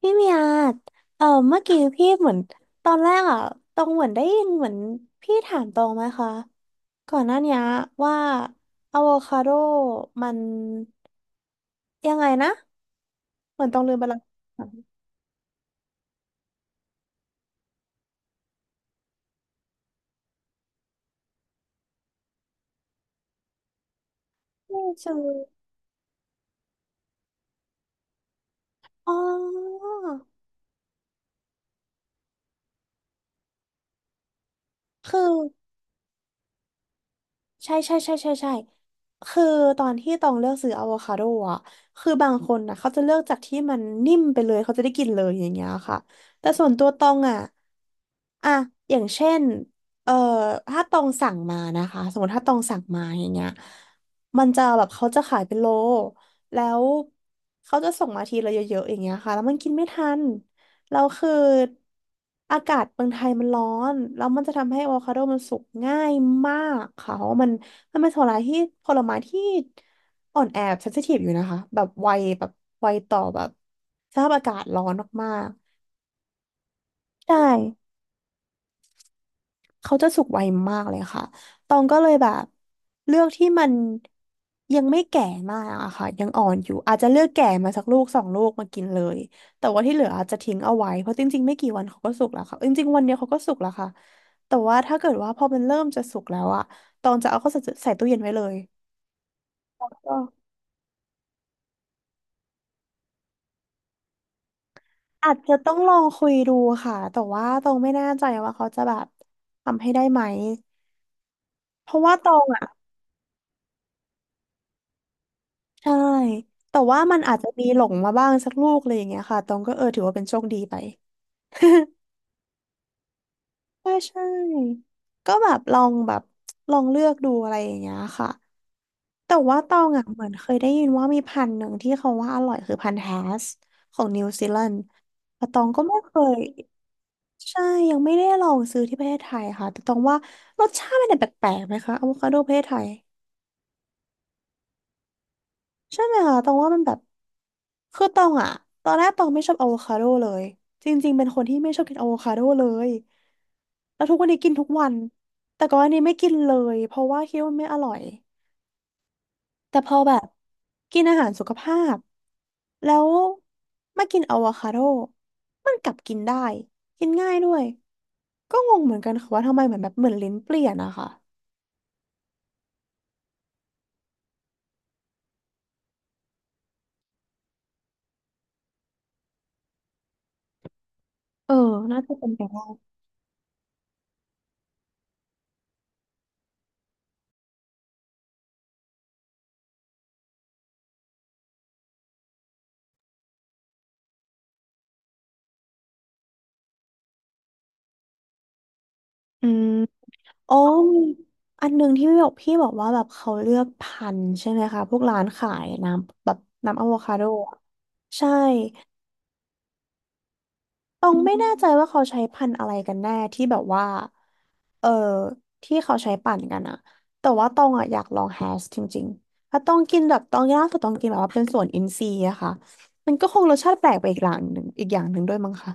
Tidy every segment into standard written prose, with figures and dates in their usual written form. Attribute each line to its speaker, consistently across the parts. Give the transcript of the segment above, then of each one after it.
Speaker 1: พี่เมียเออเมื่อกี้พี่เหมือนตอนแรกอ่ะตองเหมือนได้ยินเหมือนพี่ถามตองไหมคะก่อนหน้าเนี้ยว่าอะโวคาโดมันยังไงนะเหมือนตองลืมไปแล้วไม่เจออ๋อคือ ใช่ใช่ใช่ใช่ใช่คือตอนที่ตองเลือกซื้ออะโวคาโดอะคือบางคนนะเขาจะเลือกจากที่มันนิ่มไปเลยเขาจะได้กินเลยอย่างเงี้ยค่ะแต่ส่วนตัวตองอะอะอย่างเช่นเอ่อถ้าตองสั่งมานะคะสมมติถ้าตองสั่งมาอย่างเงี้ยมันจะแบบเขาจะขายเป็นโลแล้วเขาจะส่งมาทีละเยอะๆอย่างเงี้ยค่ะแล้วมันกินไม่ทัน แล้วคืออากาศเมืองไทยมันร้อนแล้วมันจะทำให้อะโวคาโดมันสุกง่ายมากค่ะเพราะว่ามันเป็นผลไม้ที่ผลไม้ที่อ่อนแอเซนซิทีฟอยู่นะคะ แบบไวแบบไวต่อแบบสภาพอากาศร้อนมากๆใช่ เขาจะสุกไวมากเลยค่ะตองก็เลยแบบเลือกที่มันยังไม่แก่มากอะค่ะยังอ่อนอยู่อาจจะเลือกแก่มาสักลูกสองลูกมากินเลยแต่ว่าที่เหลืออาจจะทิ้งเอาไว้เพราะจริงๆไม่กี่วันเขาก็สุกแล้วค่ะจริงๆวันเดียวเขาก็สุกแล้วค่ะแต่ว่าถ้าเกิดว่าพอมันเริ่มจะสุกแล้วอะตองจะเอาเข้าใส่ตู้เย็นไว้เลยก็อาจจะต้องลองคุยดูค่ะแต่ว่าตองไม่แน่ใจว่าเขาจะแบบทำให้ได้ไหมเพราะว่าตองอะ ใช่ แต่ว่ามันอาจจะมีหลงมาบ้างสักลูกอะไรอย่างเงี้ยค่ะตองก็เออถือว่าเป็นโชคดีไป ใช่ใช่ก็แบบลองแบบลองเลือกดูอะไรอย่างเงี้ยค่ะ แต่ว่าตองอ่ะเหมือนเคยได้ยินว่ามีพันธุ์หนึ่งที่เขาว่าอร่อยคือพันธุ์แฮสของนิวซีแลนด์แต่ตองก็ไม่เคย ใช่ยังไม่ได้ลองซื้อที่ประเทศไทยค่ะ แต่ตองว่ารสชาติมันเนี่ยแปลกๆไหมคะอะโวคาโดประเทศไทย ใช่ไหมคะตองว่ามันแบบคือตองอะตอนแรกตองไม่ชอบอะโวคาโดเลยจริงๆเป็นคนที่ไม่ชอบกินอะโวคาโดเลยแล้วทุกวันนี้กินทุกวันแต่ก่อนอันนี้ไม่กินเลยเพราะว่าคิดว่ามันไม่อร่อยแต่พอแบบกินอาหารสุขภาพแล้วมากินอะโวคาโดมันกลับกินได้กินง่ายด้วยก็งงเหมือนกันค่ะว่าทำไมเหมือนแบบเหมือนลิ้นเปลี่ยนอะค่ะเออน่าจะเป็นไปได้อืม โอ้มีอันหนึ่งที่พี่บอกพี่บอกว่าแบบเขาเลือกพันธุ์ใช่ไหมคะพวกร้านขายน้ำแบบน้ำอะโวคาโดอะใช่ตองไม่แน่ใจว่าเขาใช้พันธุ์อะไรกันแน่ที่แบบว่าเออที่เขาใช้ปั่นกันอะแต่ว่าตองอะอยากลองแฮชจริงๆถ้าต้องกินแบบตองล่าสุดตองกินแบบว่าเป็นส่วนอินทรีย์อะค่ะมันก็คงรสชาติแปลกไปอีกอย่างหนึ่งอีกอย่างหนึ่งด้วยมั้งคะ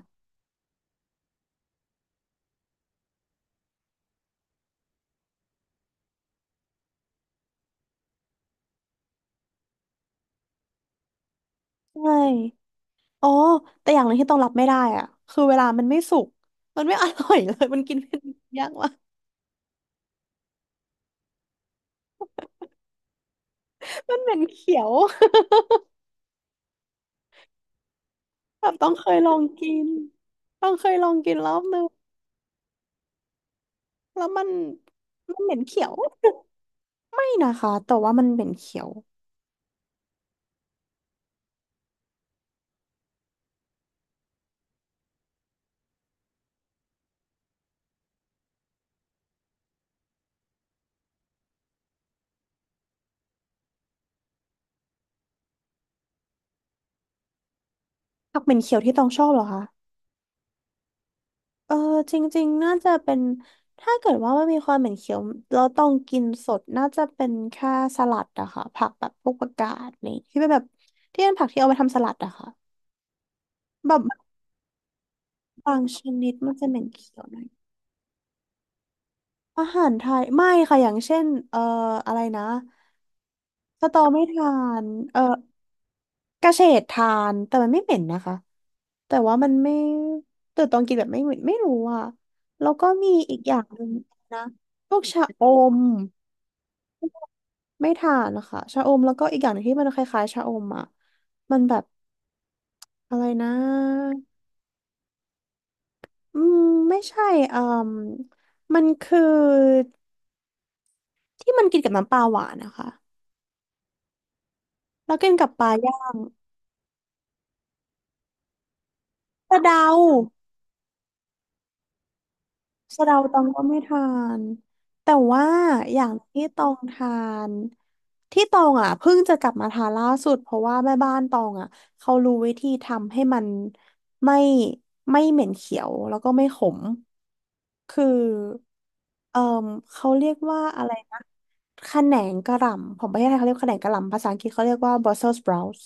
Speaker 1: ใช่ อ๋อแต่อย่างหนึ่งที่ต้องรับไม่ได้อะคือเวลามันไม่สุกมันไม่อร่อย เลยมันกินเป็นยากว่ะมันเหม็นเขียวแบบต้องเคยลองกินต้องเคยลองกินรอบนึงแล้วมันเหม็นเขียว ไม่นะคะแต่ว่ามันเหม็นเขียวผักเหม็นเขียวที่ต้องชอบเหรอคะเออจริงๆน่าจะเป็นถ้าเกิดว่ามันมีความเหม็นเขียวเราต้องกินสดน่าจะเป็นแค่สลัดอะค่ะผักแบบพวกผักกาดนี่ที่เป็นแบบที่เป็นผักที่เอาไปทำสลัดอะค่ะแบบ บางชนิดมันจะเหม็นเขียวหน่อยอาหารไทยไม่ค่ะอย่างเช่นอะไรนะสตอไม่ทานเอ่อกระเฉดทานแต่มันไม่เหม็นนะคะแต่ว่ามันไม่แต่ตอนกินแบบไม่เหม็นไม่รู้อ่ะแล้วก็มีอีกอย่างหนึ่งนะพวกชะอมไม่ทานนะคะชะอมแล้วก็อีกอย่างหนึงที่มันคล้ายๆชะอมอ่ะมันแบบอะไรนะอืมไม่ใช่อืมมันคือที่มันกินกับน้ำปลาหวานนะคะ แล้วกินกับปลาย่างสะเดาสะเดาตองก็ไม่ทานแต่ว่าอย่างที่ตองทานที่ตองอ่ะเพิ่งจะกลับมาทานล่าสุดเพราะว่าแม่บ้านตองอ่ะเขารู้วิธีทำให้มันไม่ไม่เหม็นเขียวแล้วก็ไม่ขมคือเอ่อเขาเรียกว่าอะไรนะขนงกระหล่ำของประเทศไทยเขาเรียกขนงกระหล่ำภาษาอังกฤษเขาเรียกว่า Brussels sprouts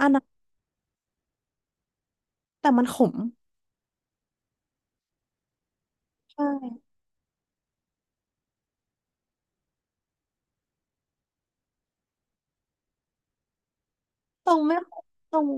Speaker 1: อันนั้นแต่มันขมใช่ตรงไม่ตรง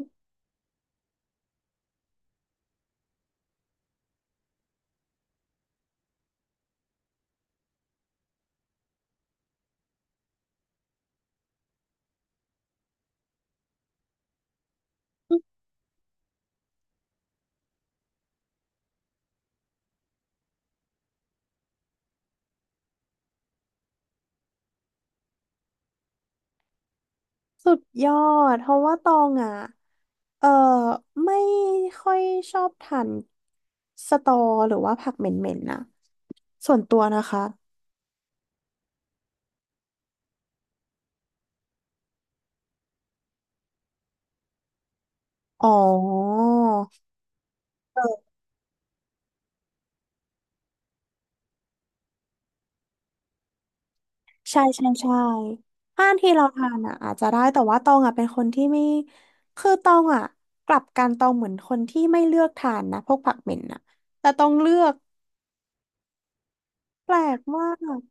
Speaker 1: สุดยอดเพราะว่าตองอ่ะเออไม่ค่อยชอบทานสตอหรือว่าผักเหม็นๆนะส่วนตัวนะคะอ๋อเออใช่ใช่ใช่ห้านที่เราทานอ่ะอาจจะได้แต่ว่าตองอ่ะเป็นคนที่ไม่คือตองอ่ะกลับกันตองเหมือนคนที่ไม่เลือกทานนะพวกผักเหม็นอ่ะแต่ตองเลือกแปลกมาก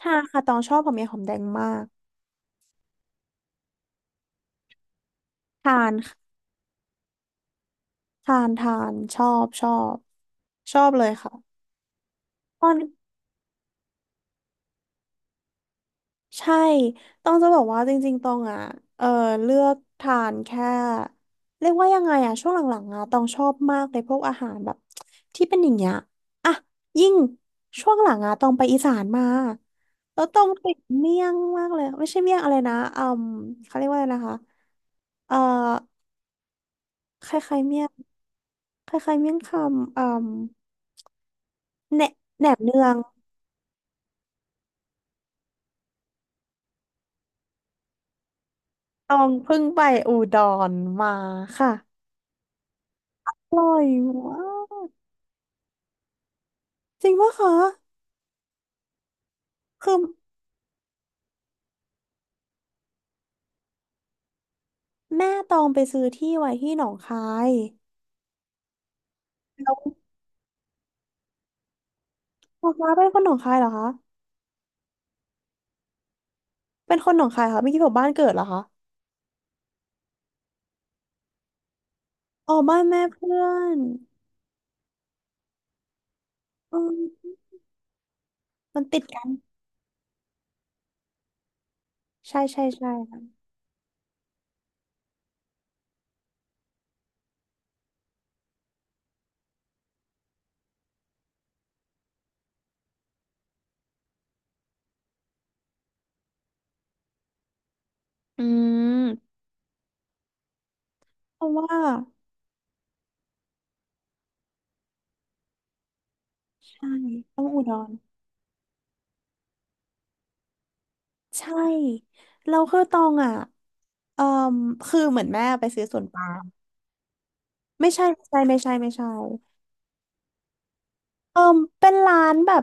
Speaker 1: ทานค่ะตองชอบหอมแดงหอมแดงมากทาน ทานทานชอบชอบชอบเลยค่ะตอนใช่ต้องจะบอกว่าจริงๆตองอ่ะเออเลือกทานแค่เรียกว่ายังไงอ่ะช่วงหลังๆอ่ะตองชอบมากเลยพวกอาหารแบบที่เป็นอย่างเงี้ยอ่ะยิ่งช่วงหลังอ่ะตองไปอีสานมาแล้วตองติดเมี่ยงมากเลยไม่ใช่เมี่ยงอะไรนะอืมเขาเรียกว่าอะไรนะคะเอ่อคล้ายๆเมี่ยงคล้ายๆเมี่ยงคำอืมแหนแหนมเนือง ตองเพิ่งไปอุดรมาค่ะอร่อยมากจริงปะคะคือแม่ตองไปซื้อที่ไว้ที่หนองคายแล้วป๊าป๊าเป็นคนหนองคายเหรอคะเป็นคนหนองคายค่ะไม่คิดว่าบ้านเกิดเหรอคะอ๋อบ้านแม่เพื่อนอืมมันติดกันใช่ใช่ใช่ค่ะอืมเพราะว่าใช่ต้องอุดรใช่เราคือตองอ่ะเอ่อคือเหมือนแม่ไปซื้อสวนปาล์มไม่ใช่ไม่ใช่ไม่ใช่ไม่ใช่ เออเป็นร้านแบบ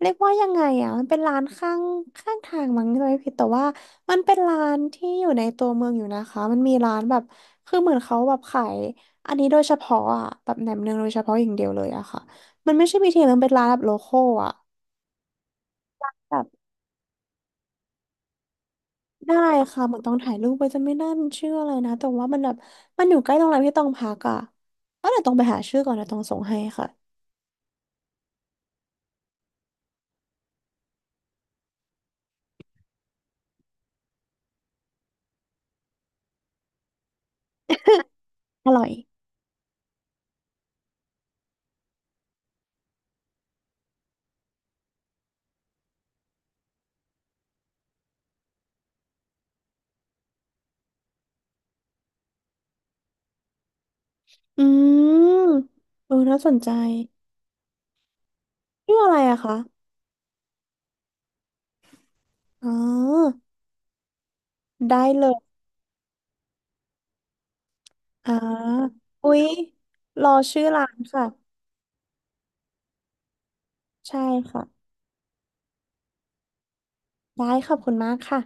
Speaker 1: เรียกว่ายังไงอ่ะมันเป็นร้านข้างทางมั้งไม่ผิดแต่ว่ามันเป็นร้านที่อยู่ในตัวเมืองอยู่นะคะมันมีร้านแบบคือเหมือนเขาแบบขายอันนี้โดยเฉพาะอ่ะแบบแหนมเนืองโดยเฉพาะอย่างเดียวเลยอะค่ะมันไม่ใช่บีทีมันเป็นร้านแบบโลคอลอ่ะแบบได้ค่ะเหมือนต้องถ่ายรูปไปจะไม่แน่มันชื่ออะไรนะแต่ว่ามันแบบมันอยู่ใกล้โรงแรมที่ต้องพักอ่ะเออเดี๋ยวต้องไปหาชื่อก่อนนะต้องส่งให้ค่ะอร่อยอืมเออน่าสนใจชื่ออะไรอะคะ อ๋อได้เลยอ่าอุ๊ยรอชื่อร้านค่ะใช่ค่ะได้ขอบคุณมากค่ะ